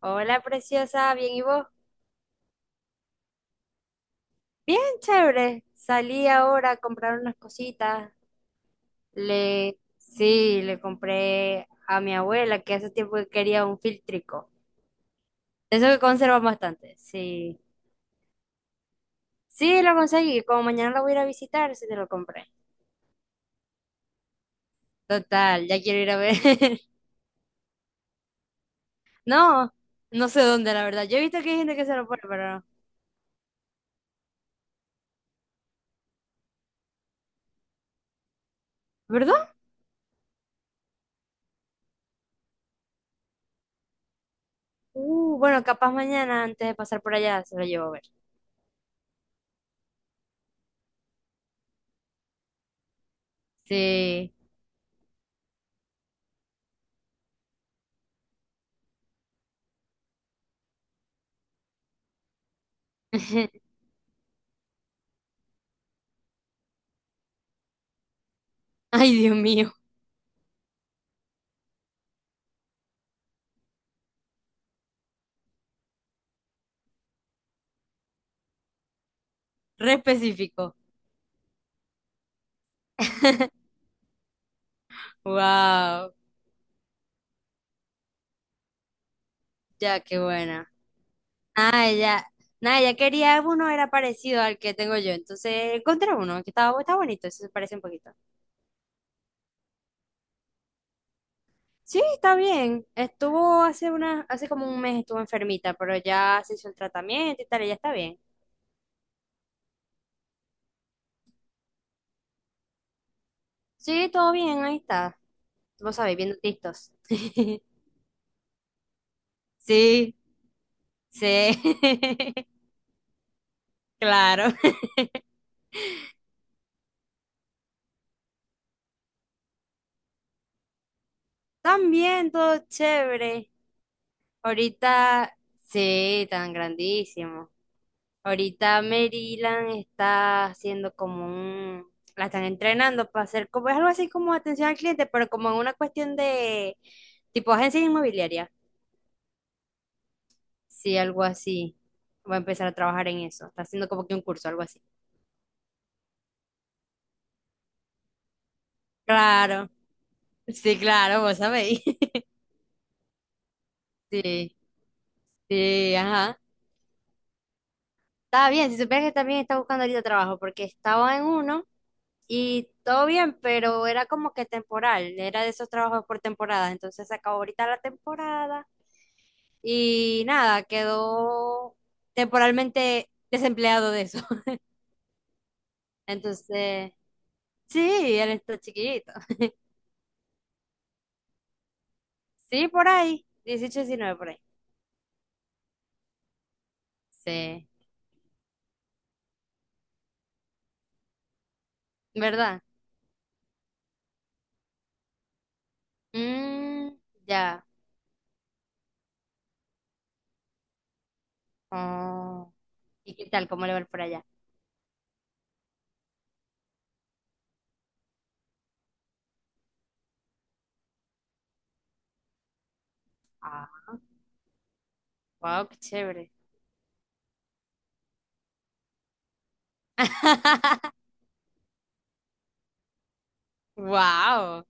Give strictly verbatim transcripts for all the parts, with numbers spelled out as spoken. Hola, preciosa, ¿bien y vos? Bien, chévere. Salí ahora a comprar unas cositas. Le, sí, le compré a mi abuela que hace tiempo que quería un filtrico. De eso que conservan bastante. Sí, sí, lo conseguí. Como mañana lo voy a ir a visitar, sí te lo compré. Total, ya quiero ir a ver. No, no sé dónde, la verdad. Yo he visto que hay gente que se lo pone, pero no. ¿Verdad? Uh, bueno, capaz mañana antes de pasar por allá se lo llevo a ver. Sí. Ay, Dios mío, re específico. Wow, ya qué buena. Ah, ya, nada, ya quería uno era parecido al que tengo yo, entonces encontré uno que estaba, está bonito, se parece un poquito. Sí, está bien. Estuvo hace una, hace como un mes estuvo enfermita, pero ya se hizo el tratamiento y tal, y ya está bien. Sí, todo bien, ahí está. Vos sabés, viendo tistos. Sí, sí. Claro. También todo chévere. Ahorita, sí, tan grandísimo. Ahorita Maryland está haciendo como un, la están entrenando para hacer como, es algo así como atención al cliente, pero como en una cuestión de tipo agencia inmobiliaria. Sí, algo así. Va a empezar a trabajar en eso. Está haciendo como que un curso, algo así. Claro, sí, claro, vos sabéis. Sí, sí, ajá. Está bien, si supieras que también está buscando ahorita trabajo, porque estaba en uno. Y todo bien, pero era como que temporal, era de esos trabajos por temporada. Entonces se acabó ahorita la temporada y nada, quedó temporalmente desempleado de eso. Entonces, sí, él está chiquito. Sí, por ahí, dieciocho, diecinueve por ahí. Sí, ¿verdad? Mm, ya. Oh. ¿Y qué tal? ¿Cómo le va por allá? Ah, wow, qué chévere. Wow.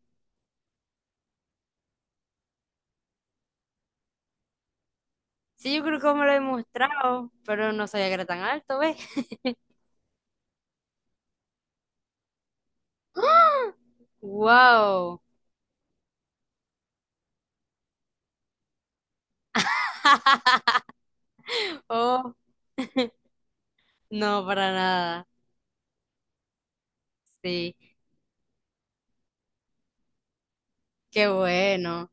Sí, yo creo que me lo he mostrado, pero no sabía que era tan alto, ¿ves? ¡Wow! Oh, no, para nada. Sí, qué bueno.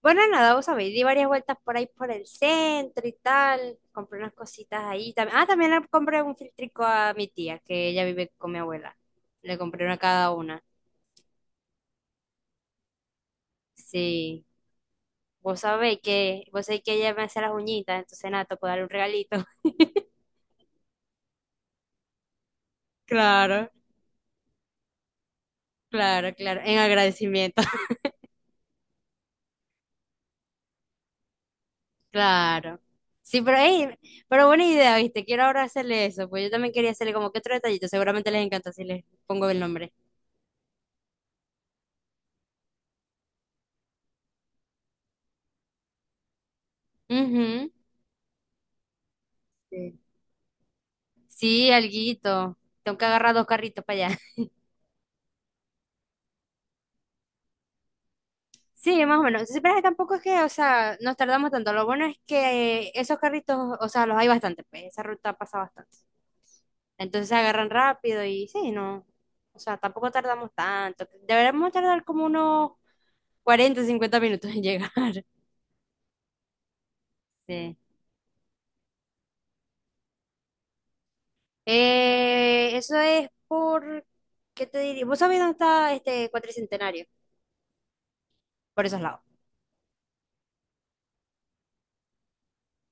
Bueno, nada, vos sabéis, di varias vueltas por ahí por el centro y tal. Compré unas cositas ahí también. Ah, también le compré un filtrico a mi tía, que ella vive con mi abuela. Le compré una a cada una. Sí. Vos sabéis que, vos sabéis que ella me hace las uñitas, entonces nada, tocó darle un regalito. Claro. Claro, claro, en agradecimiento. Claro. Sí, pero, ey, pero buena idea, ¿viste? Quiero ahora hacerle eso, pues yo también quería hacerle como que otro detallito, seguramente les encanta si les pongo el nombre. Ujú. Sí, sí, alguito. Tengo que agarrar dos carritos para allá. Sí, más o menos. Sí, pero es que tampoco es que, o sea, nos tardamos tanto. Lo bueno es que esos carritos, o sea, los hay bastante, pues esa ruta pasa bastante. Entonces se agarran rápido y sí, no. O sea, tampoco tardamos tanto. Deberíamos tardar como unos cuarenta, cincuenta minutos en llegar. Sí. Eh, eso es por, ¿qué te diría? ¿Vos sabés dónde está este cuatricentenario? Por esos lados.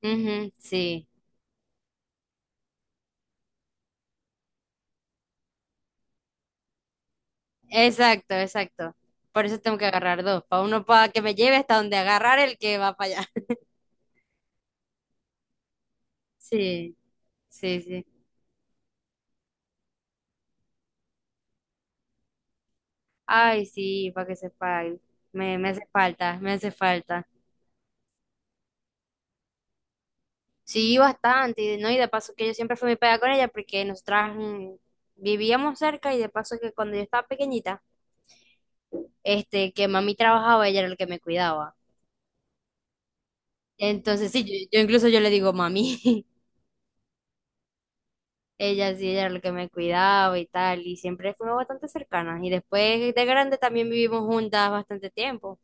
Ujú, sí, exacto, exacto. Por eso tengo que agarrar dos, para uno para que me lleve hasta donde agarrar el que va para allá. Sí, sí, sí. Ay, sí, para que sepa. Me, me hace falta, me hace falta. Sí, bastante, y, ¿no? Y de paso que yo siempre fui muy pegada con ella porque nosotras mm, vivíamos cerca y de paso que cuando yo estaba pequeñita, este, que mami trabajaba, ella era el que me cuidaba. Entonces, sí, yo, yo incluso yo le digo mami. Ella sí, ella era la que me cuidaba y tal, y siempre fuimos bastante cercanas. Y después de grande también vivimos juntas bastante tiempo.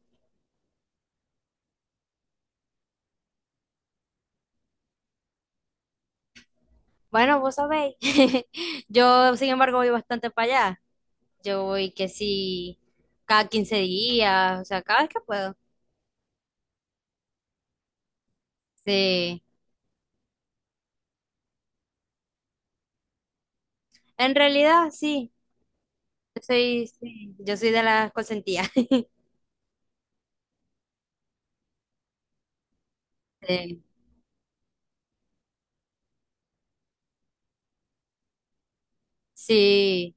Bueno, vos sabéis, yo sin embargo voy bastante para allá. Yo voy que sí, cada quince días, o sea, cada vez que puedo. Sí, en realidad sí, yo soy, sí, yo soy de las consentidas. Sí, sí.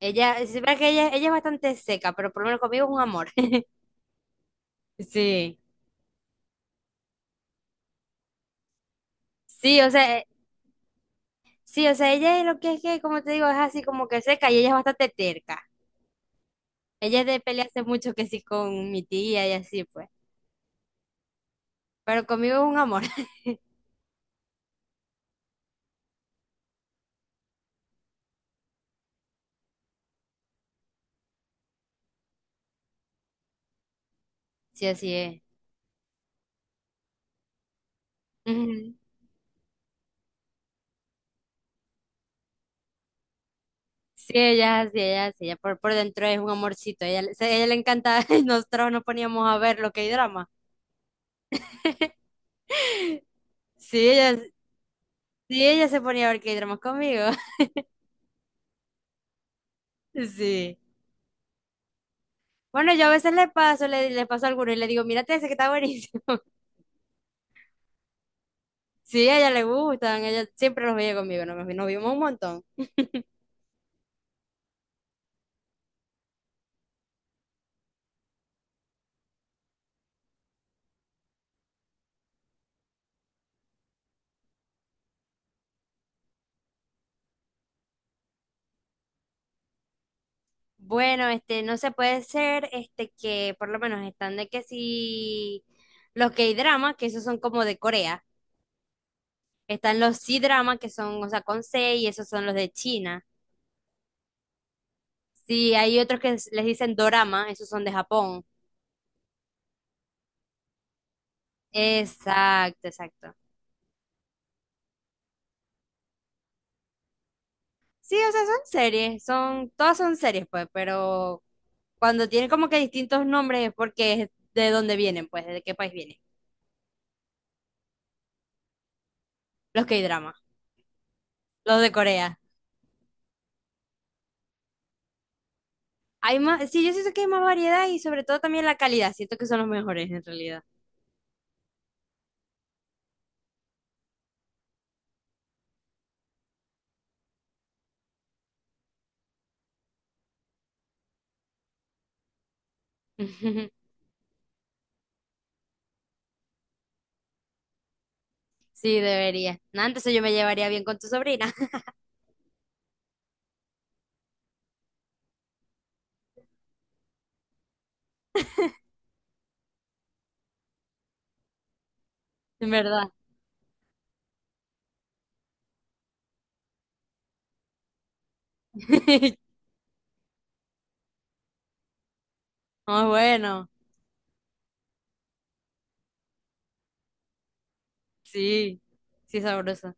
Ella, sí, verdad que ella, ella es bastante seca, pero por lo menos conmigo es un amor. Sí. Sí, o sea, eh, sí, o sea, ella es lo que es que, como te digo, es así como que seca y ella es bastante terca. Ella es de pelearse mucho que sí con mi tía y así, pues. Pero conmigo es un amor. Sí, así es. Ujú. Sí, ella es así, ella es así, ella por, por dentro es un amorcito. Ella, le- se- ella le encanta, nosotros nos poníamos a ver lo que hay drama. Sí, ella, sí, ella se ponía a ver que hay drama conmigo. Sí. Bueno, yo a veces le paso, le, le paso alguno y le digo, mírate ese que está buenísimo. Sí, a ella le gustan, ella siempre los veía conmigo, nos, nos vimos un montón. Bueno, este, no se puede ser, este, que por lo menos están de que si los K-drama, que esos son como de Corea, están los C-drama, que son, o sea, con C, y esos son los de China. Sí, hay otros que s- les dicen dorama, esos son de Japón. Exacto, exacto. Sí, o sea, son series, son, todas son series, pues, pero cuando tienen como que distintos nombres es porque es de dónde vienen, pues, de qué país vienen. Los K-drama, los de Corea. Hay más, sí, yo siento que hay más variedad y sobre todo también la calidad. Siento que son los mejores en realidad. Sí, debería. Nah, entonces yo me llevaría bien con tu sobrina, en verdad. Ah, bueno, sí, sí, sabrosa.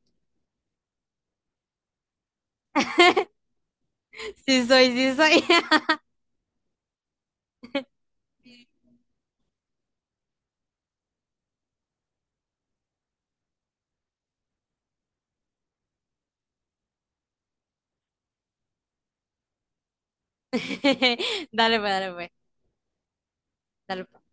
Sí soy, sí soy. Dale pues, dale pues, dale pues.